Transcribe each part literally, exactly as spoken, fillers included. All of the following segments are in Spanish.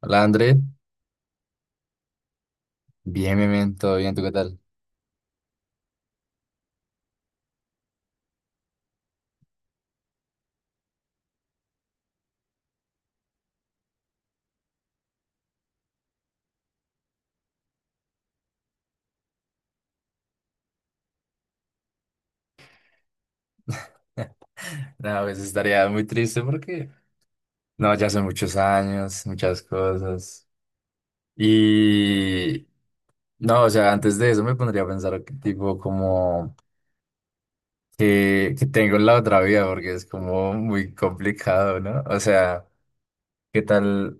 Hola, André. Bien, bien, bien, todo bien, ¿tú qué tal? No, pues estaría muy triste porque, no, ya son muchos años, muchas cosas. Y, no, o sea, antes de eso me pondría a pensar, que, tipo, como que, que tengo en la otra vida, porque es como muy complicado, ¿no? O sea, ¿qué tal,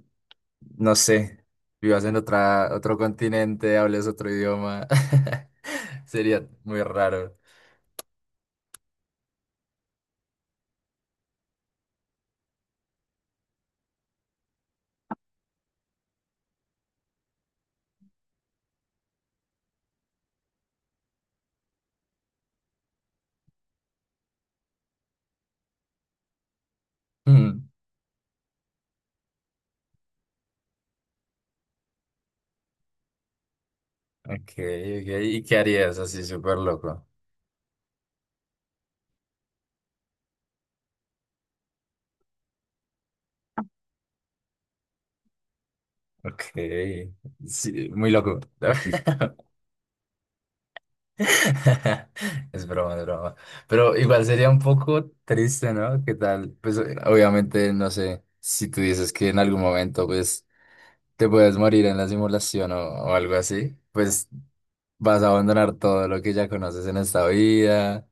no sé, vivas en otra, otro continente, hables otro idioma? Sería muy raro. Mm. Ok, ok, ¿y qué harías así súper loco? Ok, sí, muy loco. Es broma, es broma. Pero igual sería un poco triste, ¿no? ¿Qué tal? Pues eh, obviamente, no sé, si tú dices que en algún momento, pues, te puedes morir en la simulación o, o algo así, pues vas a abandonar todo lo que ya conoces en esta vida.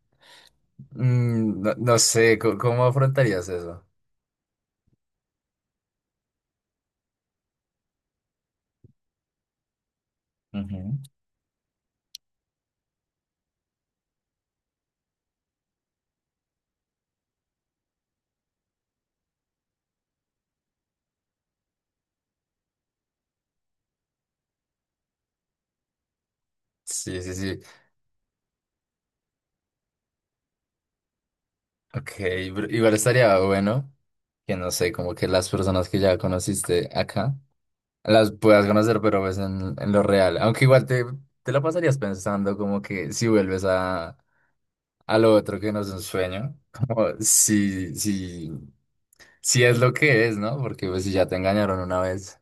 Mm, no, no sé, ¿cómo, cómo afrontarías eso? Ujú. Sí, sí, sí. Ok, pero igual estaría bueno que no sé, como que las personas que ya conociste acá las puedas conocer, pero pues en, en lo real. Aunque igual te, te la pasarías pensando como que si vuelves a, a lo otro que no es un sueño, como si, si, si es lo que es, ¿no? Porque pues si ya te engañaron una vez,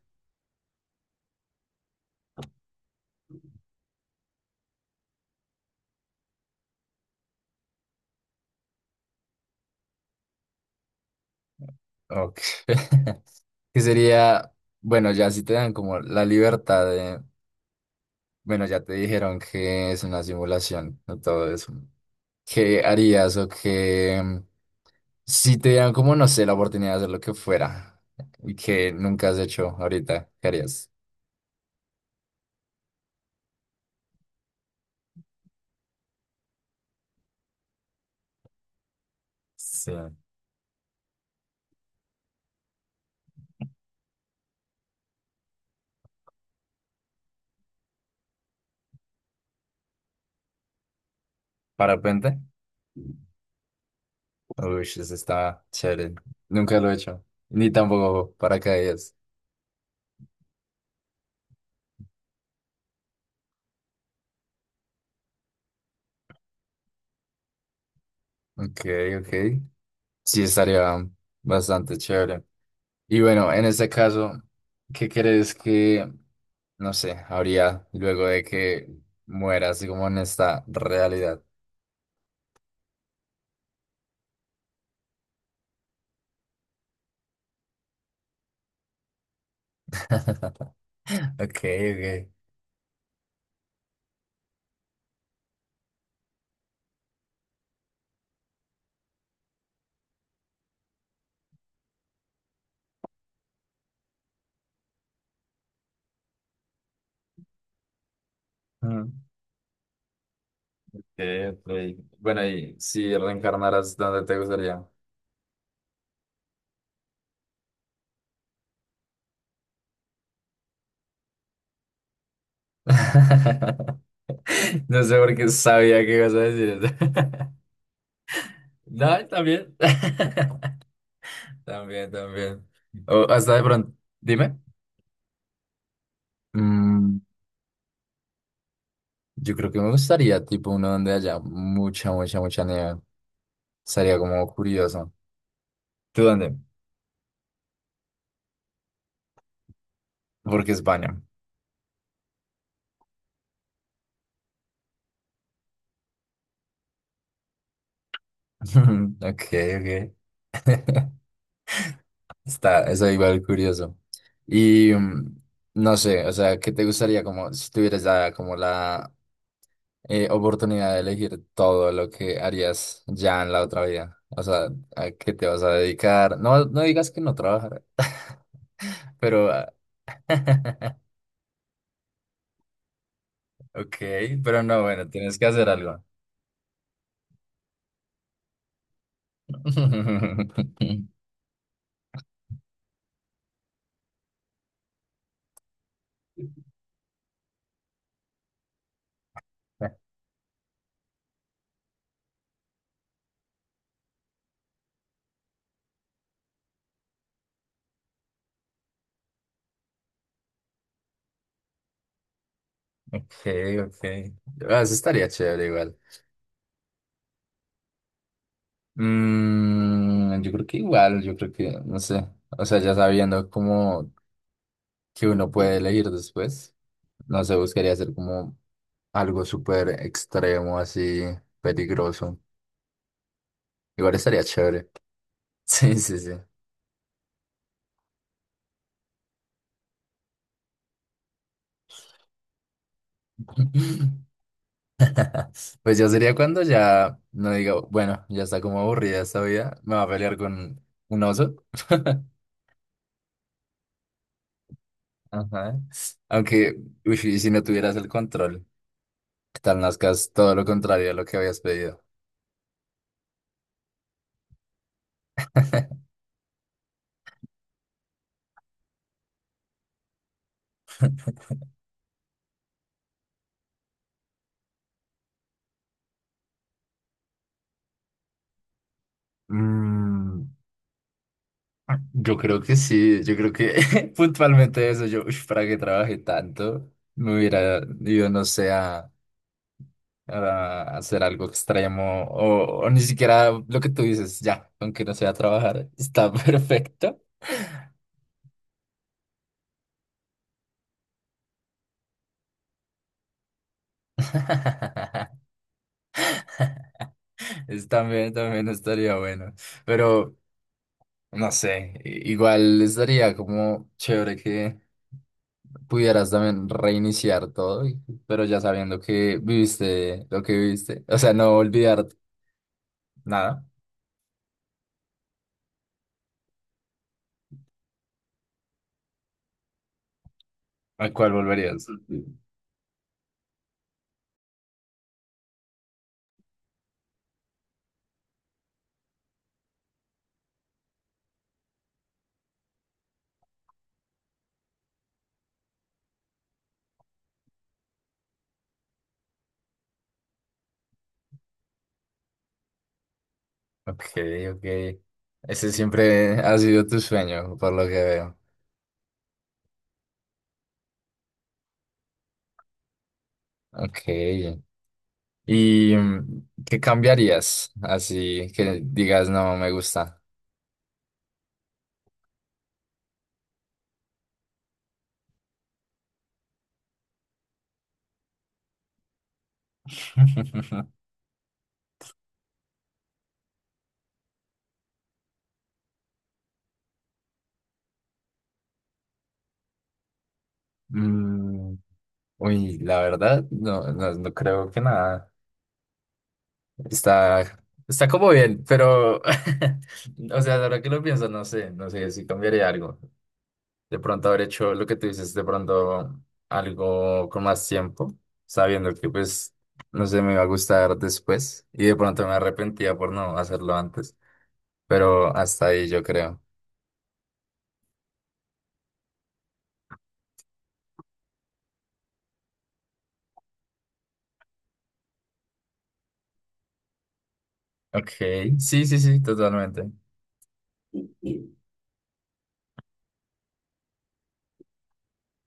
ok. Que sería, bueno, ya si te dan como la libertad de, bueno, ya te dijeron que es una simulación, no todo eso. ¿Qué harías o qué? Si te dieran como, no sé, la oportunidad de hacer lo que fuera y que nunca has hecho ahorita, ¿qué harías? Sí. ¿Parapente? Uy, eso está chévere. Nunca lo he hecho. Ni tampoco paracaídas. Ok, ok. Sí, estaría bastante chévere. Y bueno, en este caso, ¿qué crees que, no sé, habría luego de que mueras como en esta realidad? Ok, ok. Eh, Rey. Bueno, y si reencarnaras, ¿dónde te gustaría? No sé por qué sabía que ibas a decir eso. No, también. También, también. O hasta de pronto. Dime. Mm, yo creo que me gustaría, tipo, uno donde haya mucha, mucha, mucha nieve. Sería como curioso. ¿Tú dónde? Porque España. Ok, ok. Está, eso igual curioso. Y mm, no sé, o sea, ¿qué te gustaría como si tuvieras ya como la eh, oportunidad de elegir todo lo que harías ya en la otra vida? O sea, ¿a qué te vas a dedicar? No, no digas que no trabajar, pero... ah, Ok, pero no, bueno, tienes que hacer algo. Ok, ok. Ah, eso estaría chévere igual. Mm, yo creo que igual, yo creo que, no sé, o sea, ya sabiendo como que uno puede elegir después, no sé, buscaría hacer como algo súper extremo, así, peligroso. Igual estaría chévere. Sí, sí, sí. Pues ya sería cuando ya no diga, bueno, ya está como aburrida esta vida, me va a pelear con un oso. Ajá. Aunque, uy, y si no tuvieras el control, que tal nazcas todo lo contrario a lo que habías pedido? Mm. Yo creo que sí, yo creo que puntualmente eso, yo, "Ush, para que trabaje tanto, me hubiera ido, no sé, a, a hacer algo extremo o, o ni siquiera lo que tú dices, ya, aunque no sea trabajar, está perfecto". Es también, también estaría bueno, pero no sé, i- igual estaría como chévere que pudieras también reiniciar todo, y- pero ya sabiendo que viviste lo que viviste, o sea, no olvidar nada. ¿A cuál volverías? Sí. Ok, ok. Ese siempre ha sido tu sueño, por lo que veo. Ok. ¿Y mm, qué cambiarías? Así que digas, no, me gusta. Mm, Uy, la verdad, no, no, no creo que nada. Está, está como bien, pero, o sea, ahora que lo pienso, no sé, no sé si cambiaría algo. De pronto haber hecho lo que tú dices, de pronto algo con más tiempo, sabiendo que pues no sé, me iba a gustar después y de pronto me arrepentía por no hacerlo antes, pero hasta ahí yo creo. Ok, sí, sí, sí, totalmente.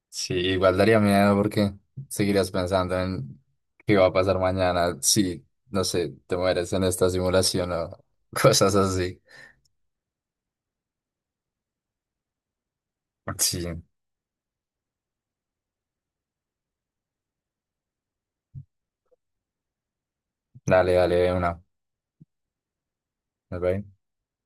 Sí, igual daría miedo porque seguirías pensando en qué va a pasar mañana si, no sé, te mueres en esta simulación o cosas así. Sí, dale, dale, de una. ¿Ok?